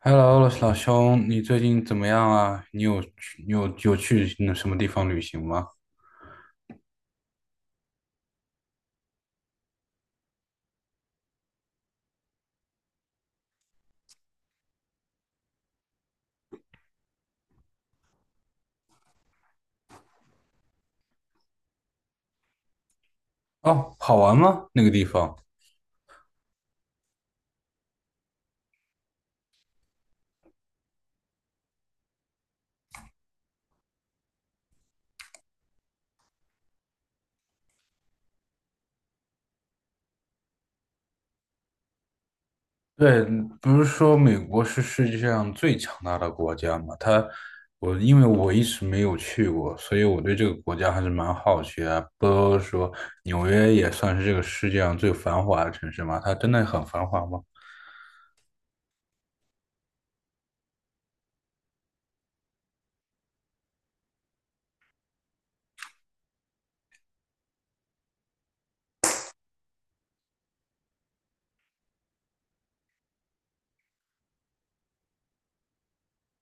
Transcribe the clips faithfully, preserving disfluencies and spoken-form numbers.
Hello，老兄，你最近怎么样啊？你有去你有有去那什么地方旅行吗？哦，好玩吗？那个地方？对，不是说美国是世界上最强大的国家吗？它，我因为我一直没有去过，所以我对这个国家还是蛮好奇的。不都说纽约也算是这个世界上最繁华的城市吗？它真的很繁华吗？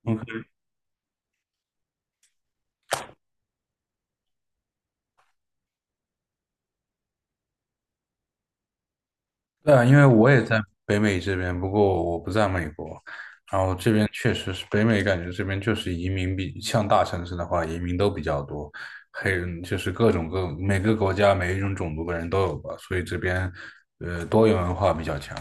嗯。对啊，因为我也在北美这边，不过我不在美国。然后这边确实是北美，感觉这边就是移民比像大城市的话，移民都比较多，黑人就是各种各每个国家每一种种族的人都有吧，所以这边呃多元文化比较强。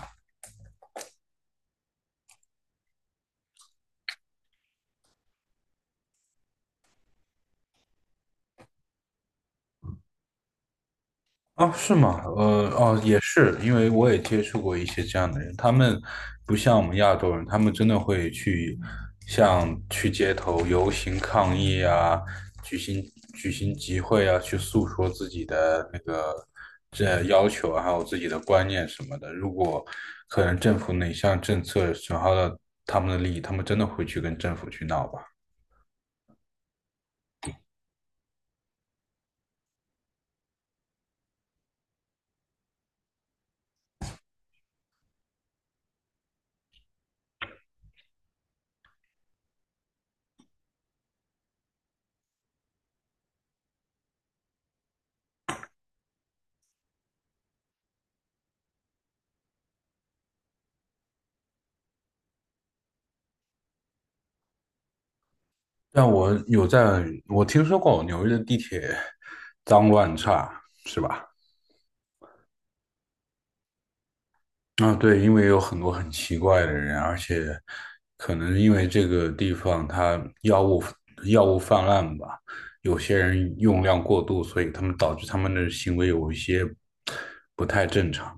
啊，是吗？呃，哦，也是，因为我也接触过一些这样的人，他们不像我们亚洲人，他们真的会去像去街头游行抗议啊，举行举行集会啊，去诉说自己的那个这要求啊还有自己的观念什么的。如果可能政府哪项政策损害了他们的利益，他们真的会去跟政府去闹吧。但我有在，我听说过纽约的地铁脏乱差，是吧？啊，对，因为有很多很奇怪的人，而且可能因为这个地方它药物药物泛滥吧，有些人用量过度，所以他们导致他们的行为有一些不太正常。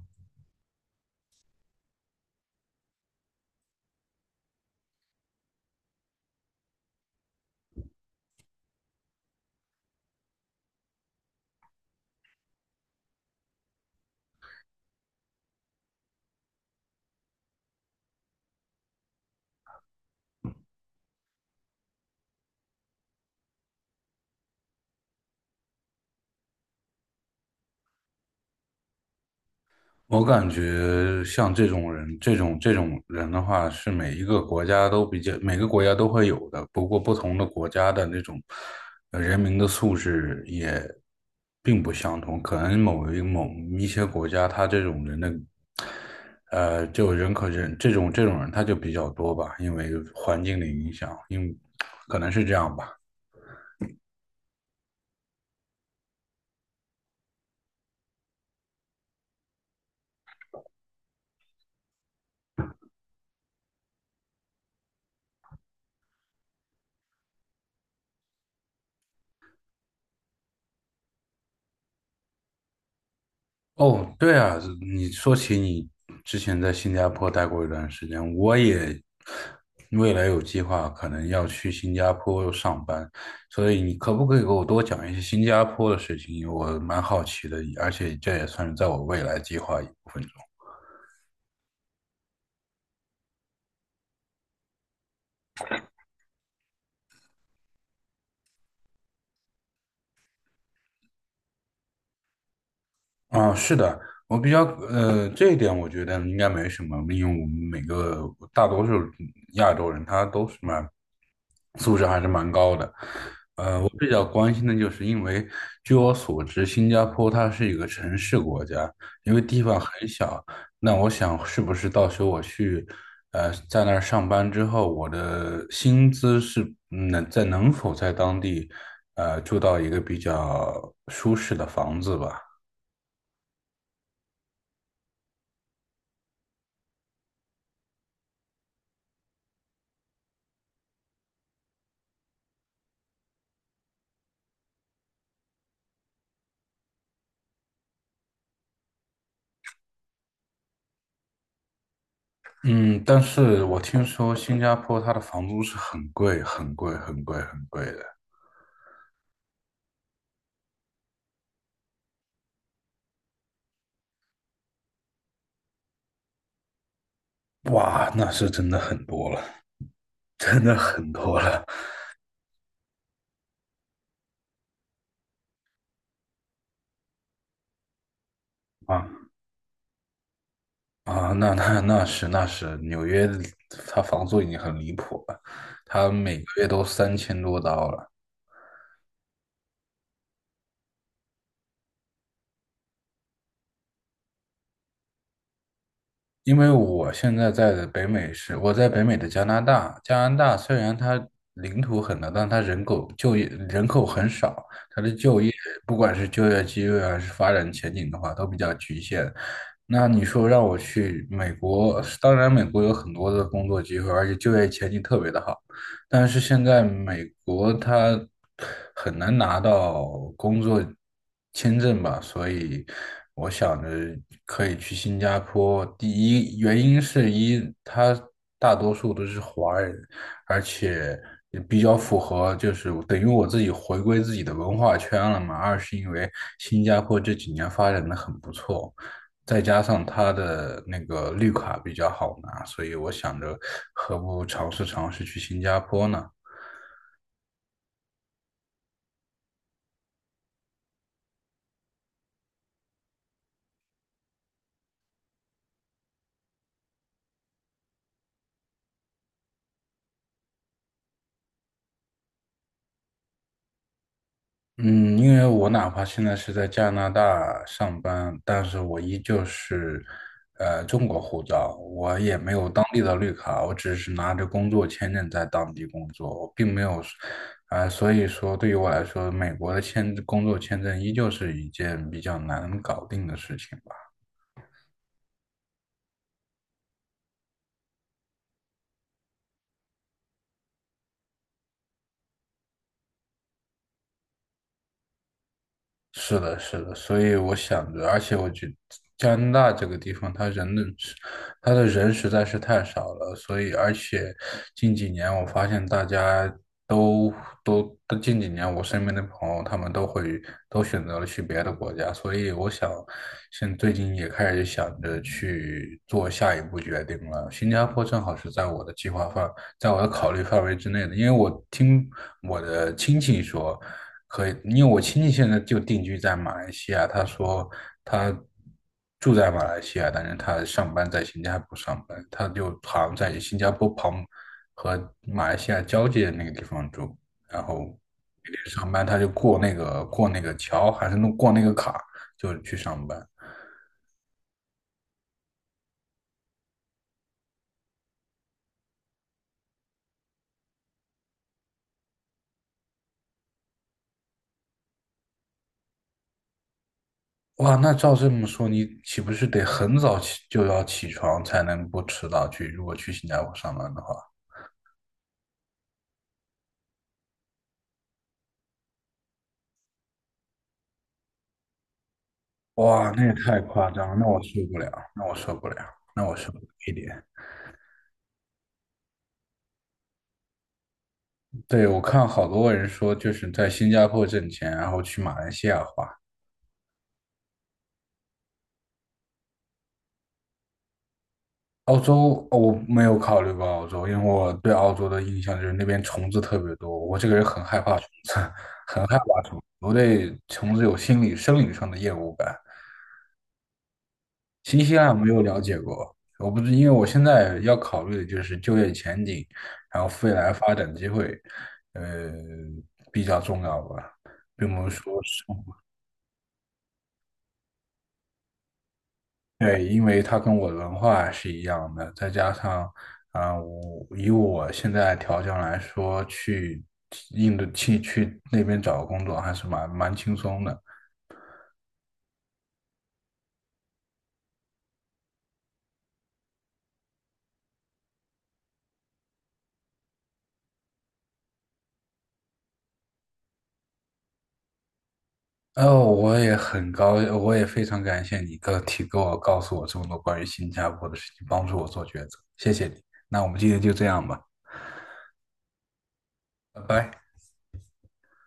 我感觉像这种人，这种这种人的话，是每一个国家都比较，每个国家都会有的。不过，不同的国家的那种呃人民的素质也并不相同。可能某一某一些国家，他这种人的，呃，就人可人这种这种人他就比较多吧，因为环境的影响，因可能是这样吧。哦，对啊，你说起你之前在新加坡待过一段时间，我也未来有计划可能要去新加坡上班，所以你可不可以给我多讲一些新加坡的事情？我蛮好奇的，而且这也算是在我未来计划一部分。啊，是的，我比较呃，这一点我觉得应该没什么，因为我们每个大多数亚洲人他都是蛮素质还是蛮高的。呃，我比较关心的就是，因为据我所知，新加坡它是一个城市国家，因为地方很小。那我想，是不是到时候我去呃在那儿上班之后，我的薪资是嗯能在能否在当地呃住到一个比较舒适的房子吧？嗯，但是我听说新加坡它的房租是很贵、很贵、很贵、很贵的。哇，那是真的很多了，真的很多了啊。啊！那那那是那是，纽约它房租已经很离谱了，它每个月都三千多刀了。因为我现在在的北美是我在北美的加拿大，加拿大虽然它领土很大，但它人口就业人口很少，它的就业不管是就业机会还是发展前景的话，都比较局限。那你说让我去美国，当然美国有很多的工作机会，而且就业前景特别的好。但是现在美国它很难拿到工作签证吧，所以我想着可以去新加坡。第一原因是一，它大多数都是华人，而且也比较符合，就是等于我自己回归自己的文化圈了嘛。二是因为新加坡这几年发展的很不错。再加上他的那个绿卡比较好拿，所以我想着何不尝试尝试去新加坡呢？嗯，因为我哪怕现在是在加拿大上班，但是我依旧是呃中国护照，我也没有当地的绿卡，我只是拿着工作签证在当地工作，我并没有，呃，所以说对于我来说，美国的签工作签证依旧是一件比较难搞定的事情吧。是的，是的，所以我想着，而且我觉加拿大这个地方，它人的是，它的人实在是太少了，所以而且近几年我发现大家都都都近几年我身边的朋友，他们都会都选择了去别的国家，所以我想现最近也开始想着去做下一步决定了。新加坡正好是在我的计划范，在我的考虑范围之内的，因为我听我的亲戚说。可以，因为我亲戚现在就定居在马来西亚，他说他住在马来西亚，但是他上班在新加坡上班，他就好像在新加坡旁和马来西亚交界那个地方住，然后每天上班他就过那个过那个桥，还是弄过那个卡就去上班。哇，那照这么说，你岂不是得很早起就要起床才能不迟到去？如果去新加坡上班的话。哇，那也太夸张了，那我受不了，那我受不了，那我受不了一点。对，我看好多人说，就是在新加坡挣钱，然后去马来西亚花。澳洲，哦我没有考虑过澳洲，因为我对澳洲的印象就是那边虫子特别多，我这个人很害怕虫子，很害怕虫子，我对虫子有心理、生理上的厌恶感。新西兰有没有了解过？我不知，因为我现在要考虑的就是就业前景，然后未来发展机会，呃，比较重要吧，并不是说是，对，因为它跟我的文化是一样的，再加上啊、我以我现在条件来说，去印度去去那边找个工作还是蛮蛮轻松的，哦，我也很高，我也非常感谢你告提给我告诉我这么多关于新加坡的事情，帮助我做抉择，谢谢你。那我们今天就这样吧，拜拜。